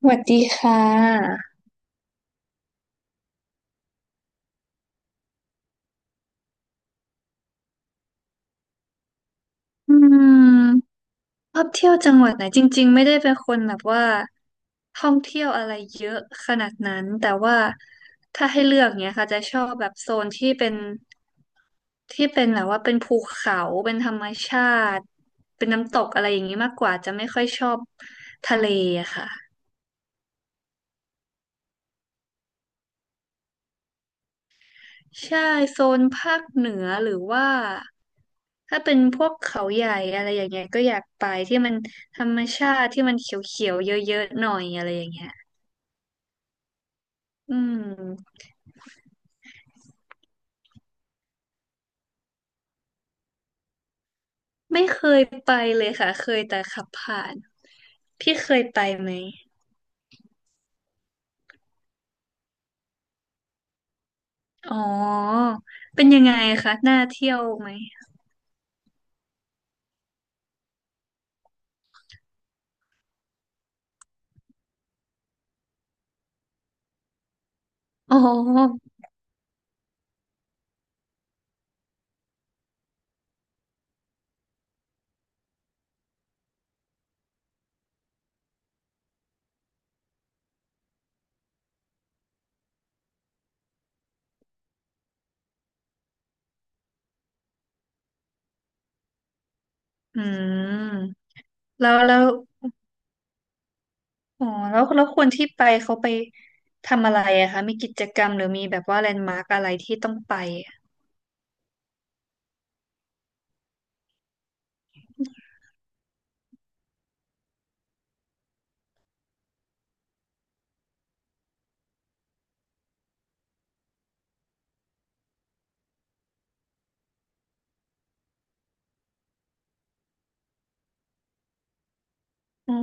สวัสดีค่ะอืมชอบเที่ยวจังหวัดไหนจริงๆไม่ได้เป็นคนแบบว่าท่องเที่ยวอะไรเยอะขนาดนั้นแต่ว่าถ้าให้เลือกเนี้ยค่ะจะชอบแบบโซนที่เป็นแบบว่าเป็นภูเขาเป็นธรรมชาติเป็นน้ำตกอะไรอย่างนี้มากกว่าจะไม่ค่อยชอบทะเลอะค่ะ ใช่โซนภาคเหนือหรือว่าถ้าเป็นพวกเขาใหญ่อะไรอย่างเงี้ยก็อยากไปที่มันธรรมชาติที่มันเขียวๆเยอะๆหน่อยอะไรอย่างเงี้ยอืมไม่เคยไปเลยค่ะเคยแต่ขับผ่านพี่เคยไปไหมอ๋อเป็นยังไงคะน่าเที่ยวไหมอ๋ออืมแล้วอ๋อแล้วคนที่ไปเขาไปทำอะไรอะคะมีกิจกรรมหรือมีแบบว่าแลนด์มาร์กอะไรที่ต้องไปอะอ๋อ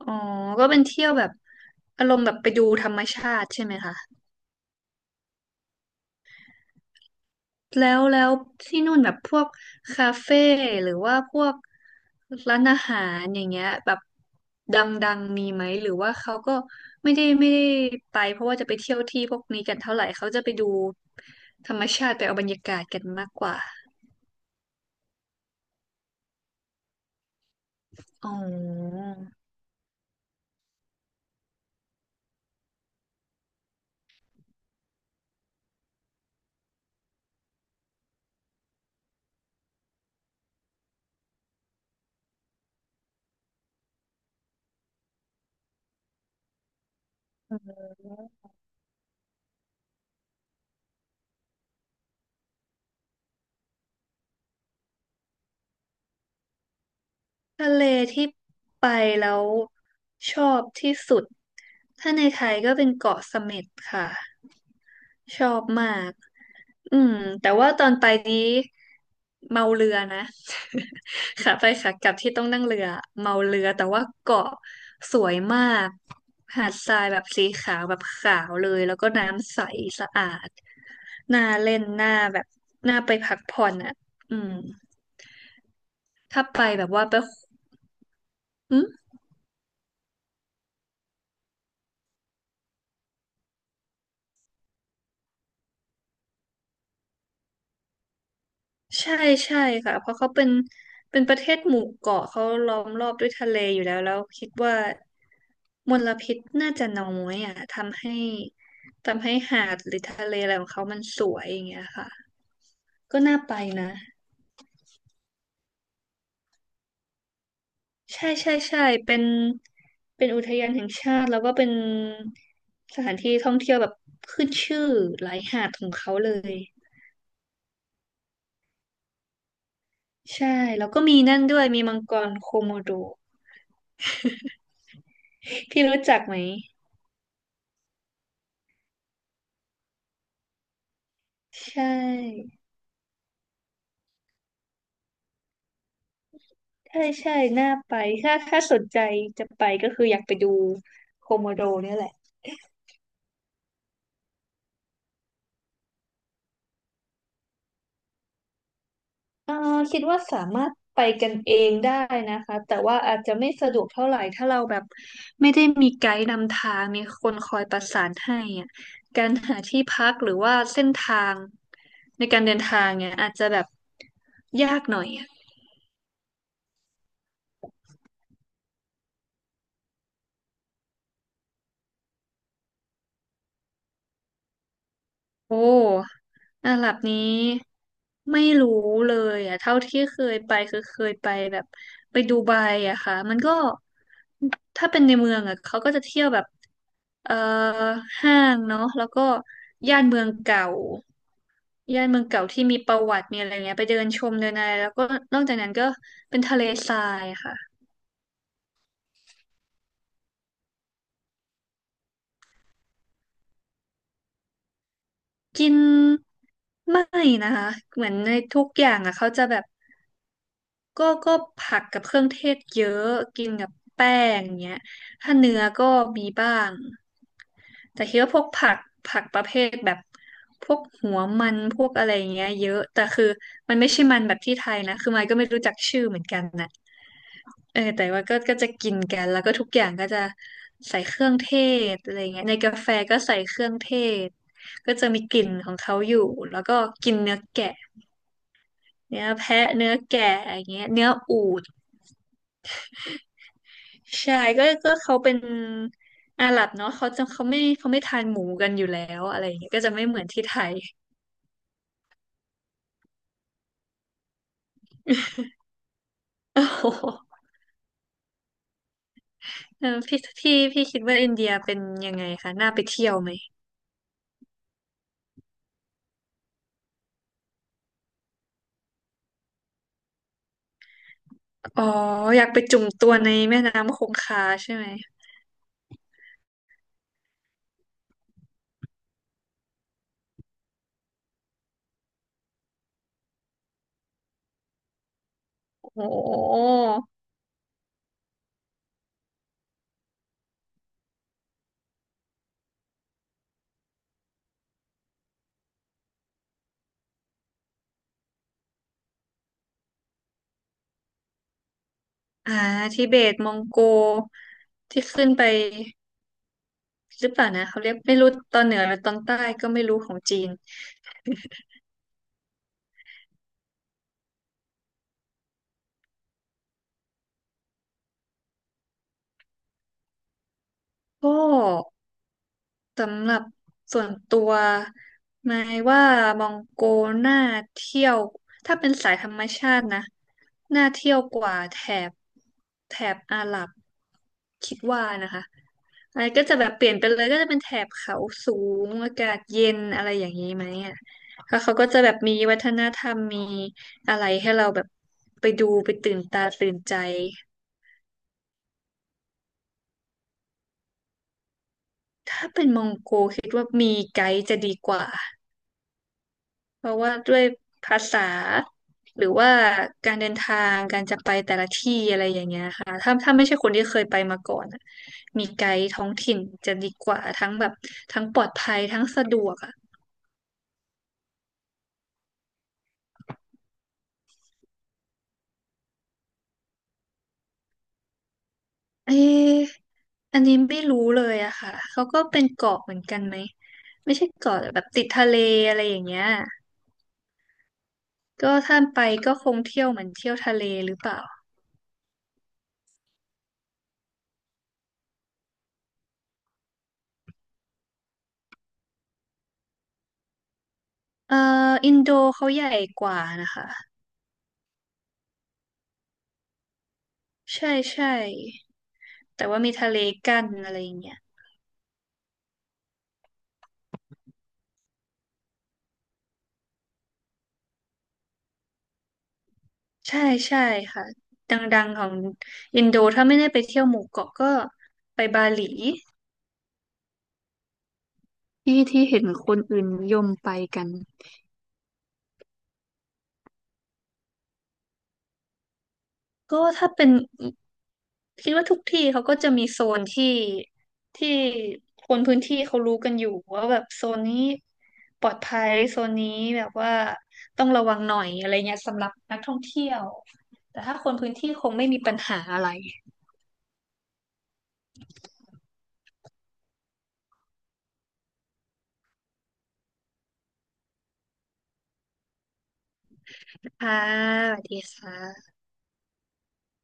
อ๋อก็เป็นเที่ยวแบบอารมณ์แบบไปดูธรรมชาติใช่ไหมคะแล้วที่นู่นแบบพวกคาเฟ่หรือว่าพวกร้านอาหารอย่างเงี้ยแบบดังๆมีไหมหรือว่าเขาก็ไม่ได้ไปเพราะว่าจะไปเที่ยวที่พวกนี้กันเท่าไหร่เขาจะไปดูธรรมชาติไปเอาบรรยากาศกันมากกว่าอ๋อทะเลที่ไปแล้วชอบที่สุดถ้าในไทยก็เป็นเกาะเสม็ดค่ะ ชอบมากอืมแต่ว่าตอนไปนี้เมาเรือนะ ขาไปขากลับที่ต้องนั่งเรือเมาเรือแต่ว่าเกาะสวยมากหาดทรายแบบสีขาวแบบขาวเลยแล้วก็น้ำใสสะอาดน่าเล่นน่าแบบน่าไปพักผ่อนอ่ะอืมถ้าไปแบบว่าไปอืม ใช่ใช่ค่ะเพราะเขาเป็นเป็นประเทศหมู่เกาะเขาล้อมรอบด้วยทะเลอยู่แล้วแล้วคิดว่ามลพิษน่าจะน้อยอ่ะทำให้หาดหรือทะเลอะไรของเขามันสวยอย่างเงี้ยค่ะก็น่าไปนะใช่ใช่ใช่เป็นเป็นอุทยานแห่งชาติแล้วก็เป็นสถานที่ท่องเที่ยวแบบขึ้นชื่อหลายหาดของเขาเลยใช่แล้วก็มีนั่นด้วยมีมังกรโคโมโด พี่รู้จักไหมใช่ ใช่ใช่น่าไปถ้าถ้าสนใจจะไปก็คืออยากไปดูโคโมโดเนี่ยแหละเอ่อคิดว่าสามารถไปกันเองได้นะคะ แต่ว่าอาจจะไม่สะดวกเท่าไหร่ถ้าเราแบบไม่ได้มีไกด์นำทางมีคนคอยประสานให้อะการหาที่พักหรือว่าเส้นทางในการเดินทางเนี่ยอาจจะแบบยากหน่อย โอ้อาหรับนี้ไม่รู้เลยอ่ะเท่าที่เคยไปคือเคยไปแบบไปดูไบอะค่ะมันก็ถ้าเป็นในเมืองอะเขาก็จะเที่ยวแบบเอ่อห้างเนาะแล้วก็ย่านเมืองเก่าย่านเมืองเก่าที่มีประวัติมีอะไรเงี้ยไปเดินชมเดินอะไรแล้วก็นอกจากนั้นก็เป็นทะเลทรายค่ะ กินไม่นะคะเหมือนในทุกอย่างอ่ะเขาจะแบบก็ผักกับเครื่องเทศเยอะกินกับแป้งเงี้ยถ้าเนื้อก็มีบ้างแต่คิดว่าพวกผักผักประเภทแบบพวกหัวมันพวกอะไรเงี้ยเยอะแต่คือมันไม่ใช่มันแบบที่ไทยนะคือมายก็ไม่รู้จักชื่อเหมือนกันนะ เออแต่ว่าก็จะกินกันแล้วก็ทุกอย่างก็จะใส่เครื่องเทศอะไรเงี้ยในกาแฟก็ใส่เครื่องเทศก็จะมีกลิ่นของเขาอยู่แล้วก็กินเนื้อแกะเนื้อแพะเนื้อแกะอย่างเงี้ยเนื้ออูฐใช่ก็เขาเป็นอาหรับเนาะเขาจะเขาไม่ทานหมูกันอยู่แล้วอะไรเงี้ยก็จะไม่เหมือนที่ไทย โอ้โหเออพี่คิดว่าอินเดียเป็นยังไงคะน่าไปเที่ยวไหมอ๋ออยากไปจุ่มตัวในแม่น้ำคงคาใช่ไหมโอ้ อ่าทิเบตมองโกที่ขึ้นไปหรือเปล่านะเขาเรียกไม่รู้ตอนเหนือหรือตอนใต้ก็ไม่รู้ของจีนก็สำหรับส่วนตัวหมายว่ามองโกน่าเที่ยวถ้าเป็นสายธรรมชาตินะน่าเที่ยวกว่าบแถบอาหรับคิดว่านะคะ อะไรก็จะแบบเปลี่ยนไปเลยก็จะเป็นแถบเขาสูงอากาศเย็นอะไรอย่างนี้ไหมอ่ะแล้วเขาก็จะแบบมีวัฒนธรรมมีอะไรให้เราแบบไปดูไปตื่นตาตื่นใจถ้าเป็นมองโกคิดว่ามีไกด์จะดีกว่าเพราะว่าด้วยภาษาหรือว่าการเดินทางการจะไปแต่ละที่อะไรอย่างเงี้ยค่ะถ้าไม่ใช่คนที่เคยไปมาก่อนอะมีไกด์ท้องถิ่นจะดีกว่าทั้งแบบทั้งปลอดภัยทั้งสะดวกอะ เอ๊ะอันนี้ไม่รู้เลยอะค่ะเขาก็เป็นเกาะเหมือนกันไหม ไม่ใช่เกาะแต่แบบติดทะเลอะไรอย่างเงี้ยก็ถ้าไปก็คงเที่ยวเหมือนเที่ยวทะเลหรือเปล่าเอ่ออินโดเขาใหญ่กว่านะคะ ใช่ใช่แต่ว่ามีทะเลกั้นอะไรอย่างเงี้ยใช่ใช่ค่ะ ดังๆของอินโดถ้าไม่ได้ไปเที่ยวหมู่เกาะก็ไปบาหลีที่ที่เห็นคนอื่นนิยมไปกัน ก็ถ้าเป็นคิดว่าทุกที่เขาก็จะมีโซนที่คนพื้นที่เขารู้กันอยู่ว่าแบบโซนนี้ปลอดภัยโซนนี้แบบว่าต้องระวังหน่อยอะไรเงี้ยสำหรับนักท่องเที่ยวแต่ถ้าคนพื้นที่คงไม่มีปัญหาอะไรค่ะสวัสดีค่ะ